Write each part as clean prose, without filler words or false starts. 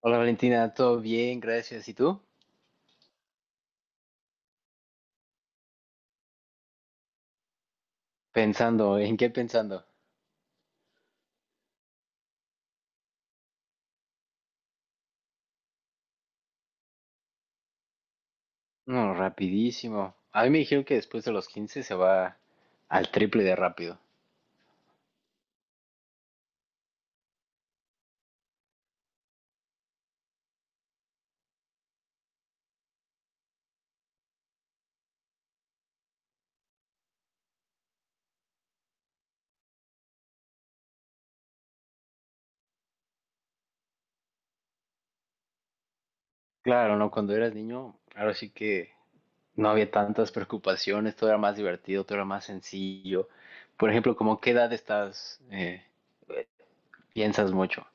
Hola Valentina, todo bien, gracias. ¿Y tú? Pensando, ¿en qué pensando? No, rapidísimo. A mí me dijeron que después de los 15 se va al triple de rápido. Claro, ¿no? Cuando eras niño, ahora sí que no había tantas preocupaciones, todo era más divertido, todo era más sencillo. Por ejemplo, ¿cómo qué edad estás, piensas mucho?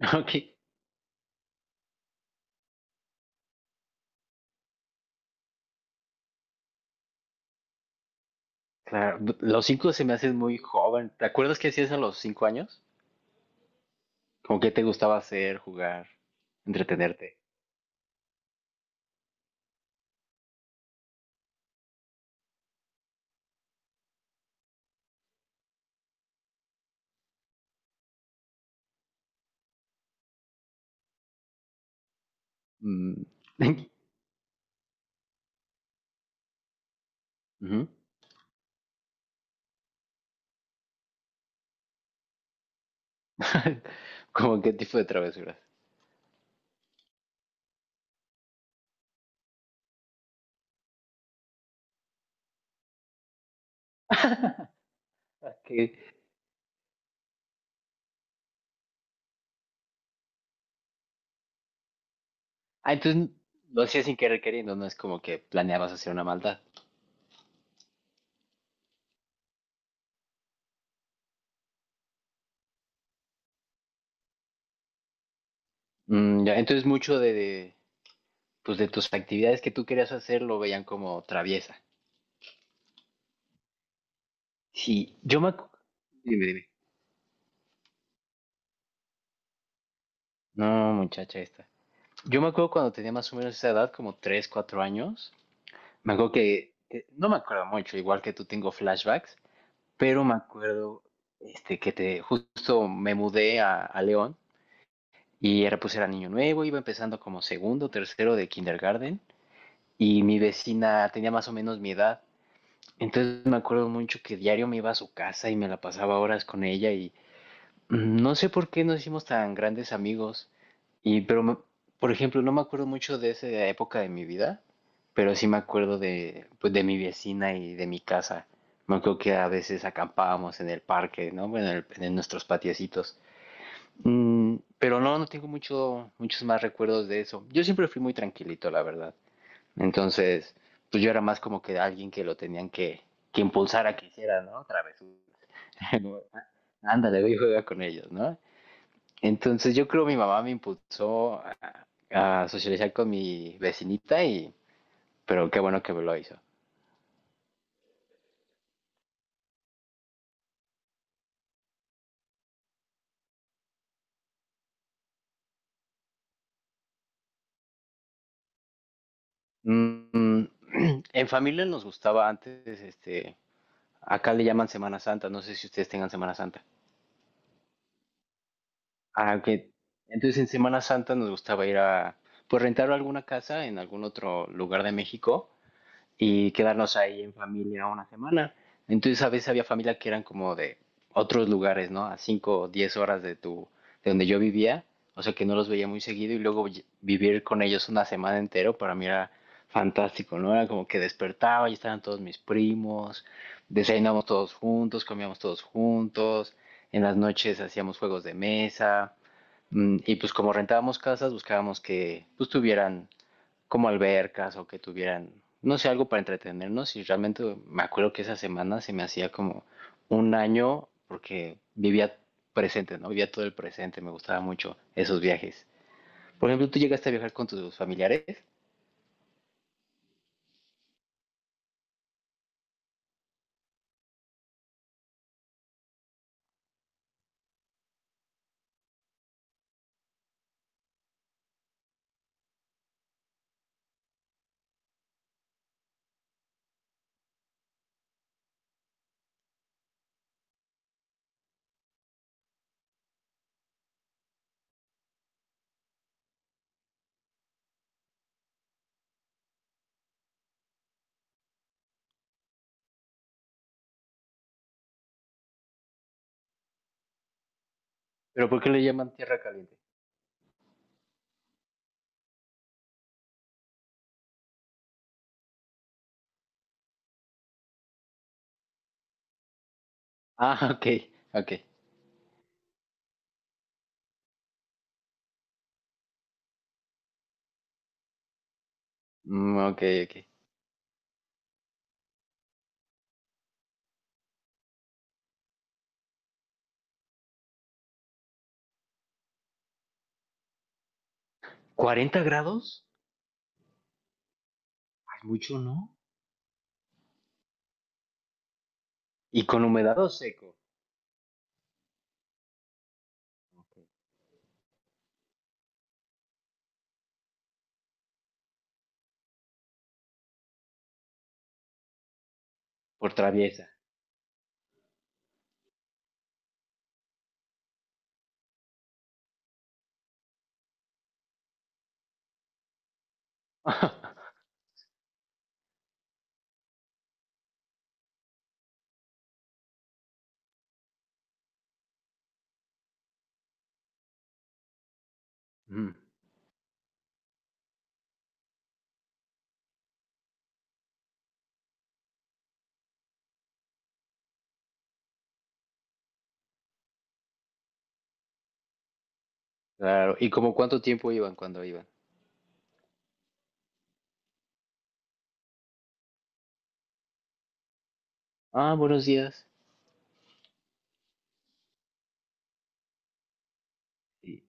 Ok, claro. Los 5 se me hacen muy joven. ¿Te acuerdas qué hacías a los 5 años? ¿Cómo qué te gustaba hacer, jugar, entretenerte? Mm. Ujú. ¿Cómo qué tipo de travesuras? Ah, que- ah, entonces lo hacías sin querer queriendo, no es como que planeabas hacer una maldad. Mm, ya, entonces mucho pues de tus actividades que tú querías hacer lo veían como traviesa. Sí, Dime, dime. No, muchacha esta. Yo me acuerdo cuando tenía más o menos esa edad, como 3 4 años. Me acuerdo no me acuerdo mucho, igual que tú tengo flashbacks, pero me acuerdo que te, justo me mudé a León. Y era, pues era niño nuevo, iba empezando como segundo, tercero de kindergarten. Y mi vecina tenía más o menos mi edad. Entonces me acuerdo mucho que diario me iba a su casa y me la pasaba horas con ella. Y no sé por qué nos hicimos tan grandes amigos. Y, pero, me- por ejemplo, no me acuerdo mucho de esa época de mi vida, pero sí me acuerdo de, pues, de mi vecina y de mi casa. Me acuerdo que a veces acampábamos en el parque, ¿no? Bueno, en nuestros patiecitos. Mm, pero no, no tengo mucho, muchos más recuerdos de eso. Yo siempre fui muy tranquilito, la verdad. Entonces, pues yo era más como que alguien que lo tenían que impulsar a que hiciera, ¿no? Travesura. No, ándale, voy y juega con ellos, ¿no? Entonces yo creo mi mamá me impulsó a socializar con mi vecinita y, pero qué bueno que me lo hizo. Mm, en familia nos gustaba antes, acá le llaman Semana Santa, no sé si ustedes tengan Semana Santa. Ah, que entonces en Semana Santa nos gustaba ir a, pues rentar alguna casa en algún otro lugar de México y quedarnos ahí en familia una semana. Entonces a veces había familia que eran como de otros lugares, ¿no? A 5 o 10 horas de donde yo vivía, o sea que no los veía muy seguido y luego vivir con ellos una semana entero para mí era fantástico, ¿no? Era como que despertaba y estaban todos mis primos, desayunábamos todos juntos, comíamos todos juntos, en las noches hacíamos juegos de mesa. Mm, y pues como rentábamos casas, buscábamos que pues tuvieran como albercas o que tuvieran, no sé, algo para entretenernos. Y realmente me acuerdo que esa semana se me hacía como un año porque vivía presente, ¿no? Vivía todo el presente, me gustaba mucho esos viajes. Por ejemplo, tú llegaste a viajar con tus familiares, pero ¿por qué le llaman tierra caliente? Ah, ok, ok. Mm, ok, ok. ¿40 grados? Ay, mucho, ¿no? Y con humedad o seco, por traviesa. Mm, claro, ¿y como cuánto tiempo iban cuando iban? Ah, buenos días. Sí.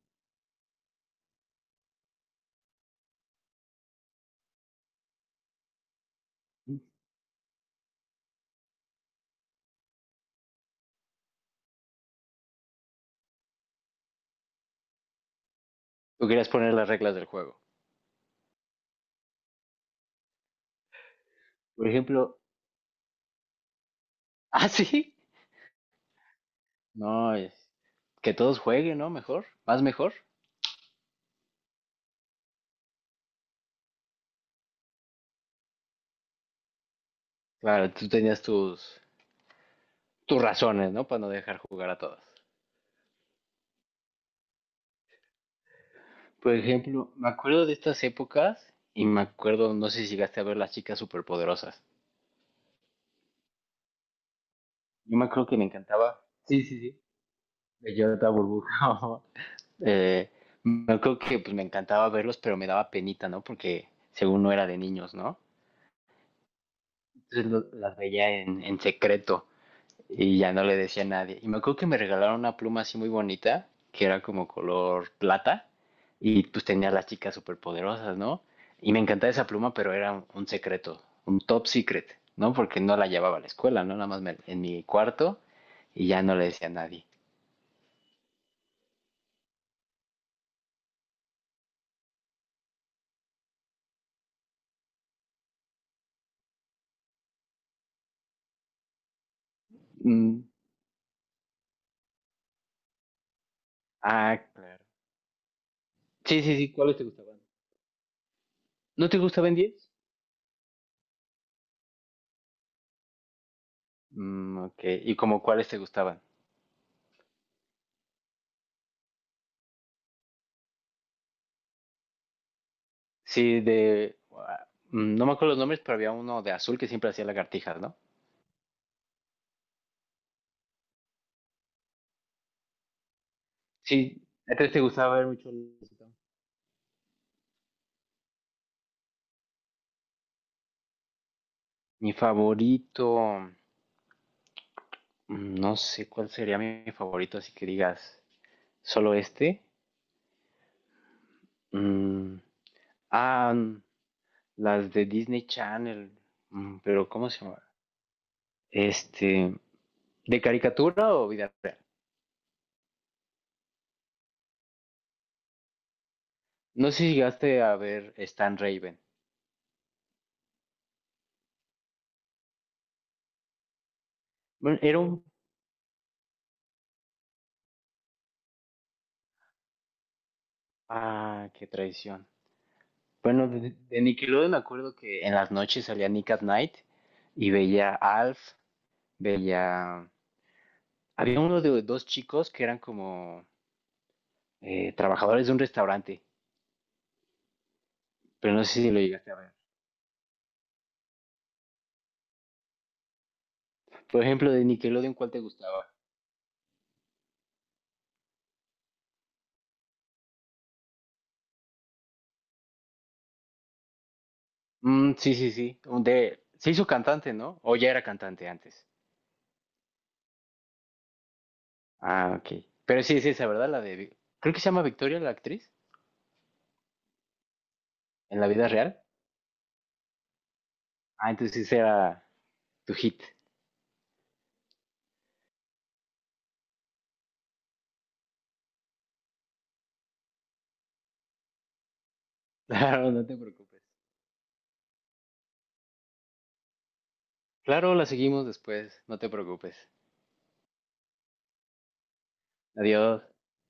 Tú querías poner las reglas del juego. Por ejemplo, ah, sí. No, es- que todos jueguen, ¿no? Mejor, más mejor. Claro, tú tenías tus razones, ¿no? Para no dejar jugar a todos. Por ejemplo, me acuerdo de estas épocas y me acuerdo, no sé si llegaste a ver las chicas superpoderosas. Yo me acuerdo que me encantaba. Sí, sí, sí. Bellota, burbuja. Eh, me acuerdo que pues, me encantaba verlos, pero me daba penita, ¿no? Porque según no era de niños, ¿no? Entonces las veía en secreto. Y ya no le decía a nadie. Y me acuerdo que me regalaron una pluma así muy bonita, que era como color plata, y pues tenía a las chicas superpoderosas, ¿no? Y me encantaba esa pluma, pero era un secreto, un top secret, ¿no? Porque no la llevaba a la escuela, ¿no? Nada más en mi cuarto y ya no le decía a nadie. Mm, ah, claro, sí, sí, sí, ¿cuáles te gustaban? ¿No te gustaban diez? Mm, ok, ¿y como cuáles te gustaban? Sí, de... ah, mm, no me acuerdo los nombres, pero había uno de azul que siempre hacía lagartijas, ¿no? Sí, ¿a ti te gustaba ver mucho el musical? Mi favorito, mm, no sé cuál sería mi favorito, así que digas, solo este. Mm, ah, mm, las de Disney Channel, mm, pero ¿cómo se llama? Este, ¿de caricatura o vida real? No sé si llegaste a ver Stan Raven. Bueno, era un... Ah, qué traición. Bueno, de Nickelodeon me acuerdo que en las noches salía Nick at Night y veía Alf, veía había uno de dos chicos que eran como trabajadores de un restaurante, pero no sé si lo llegaste a ver. Por ejemplo, de Nickelodeon, ¿cuál te gustaba? Mm, sí, sí, sí. Se hizo cantante, ¿no? O ya era cantante antes. Ah, ok. Pero sí es esa, ¿verdad? La de. Creo que se llama Victoria, la actriz, en la vida real. Ah, entonces ese era tu hit. Claro, no te preocupes. Claro, la seguimos después, no te preocupes. Adiós.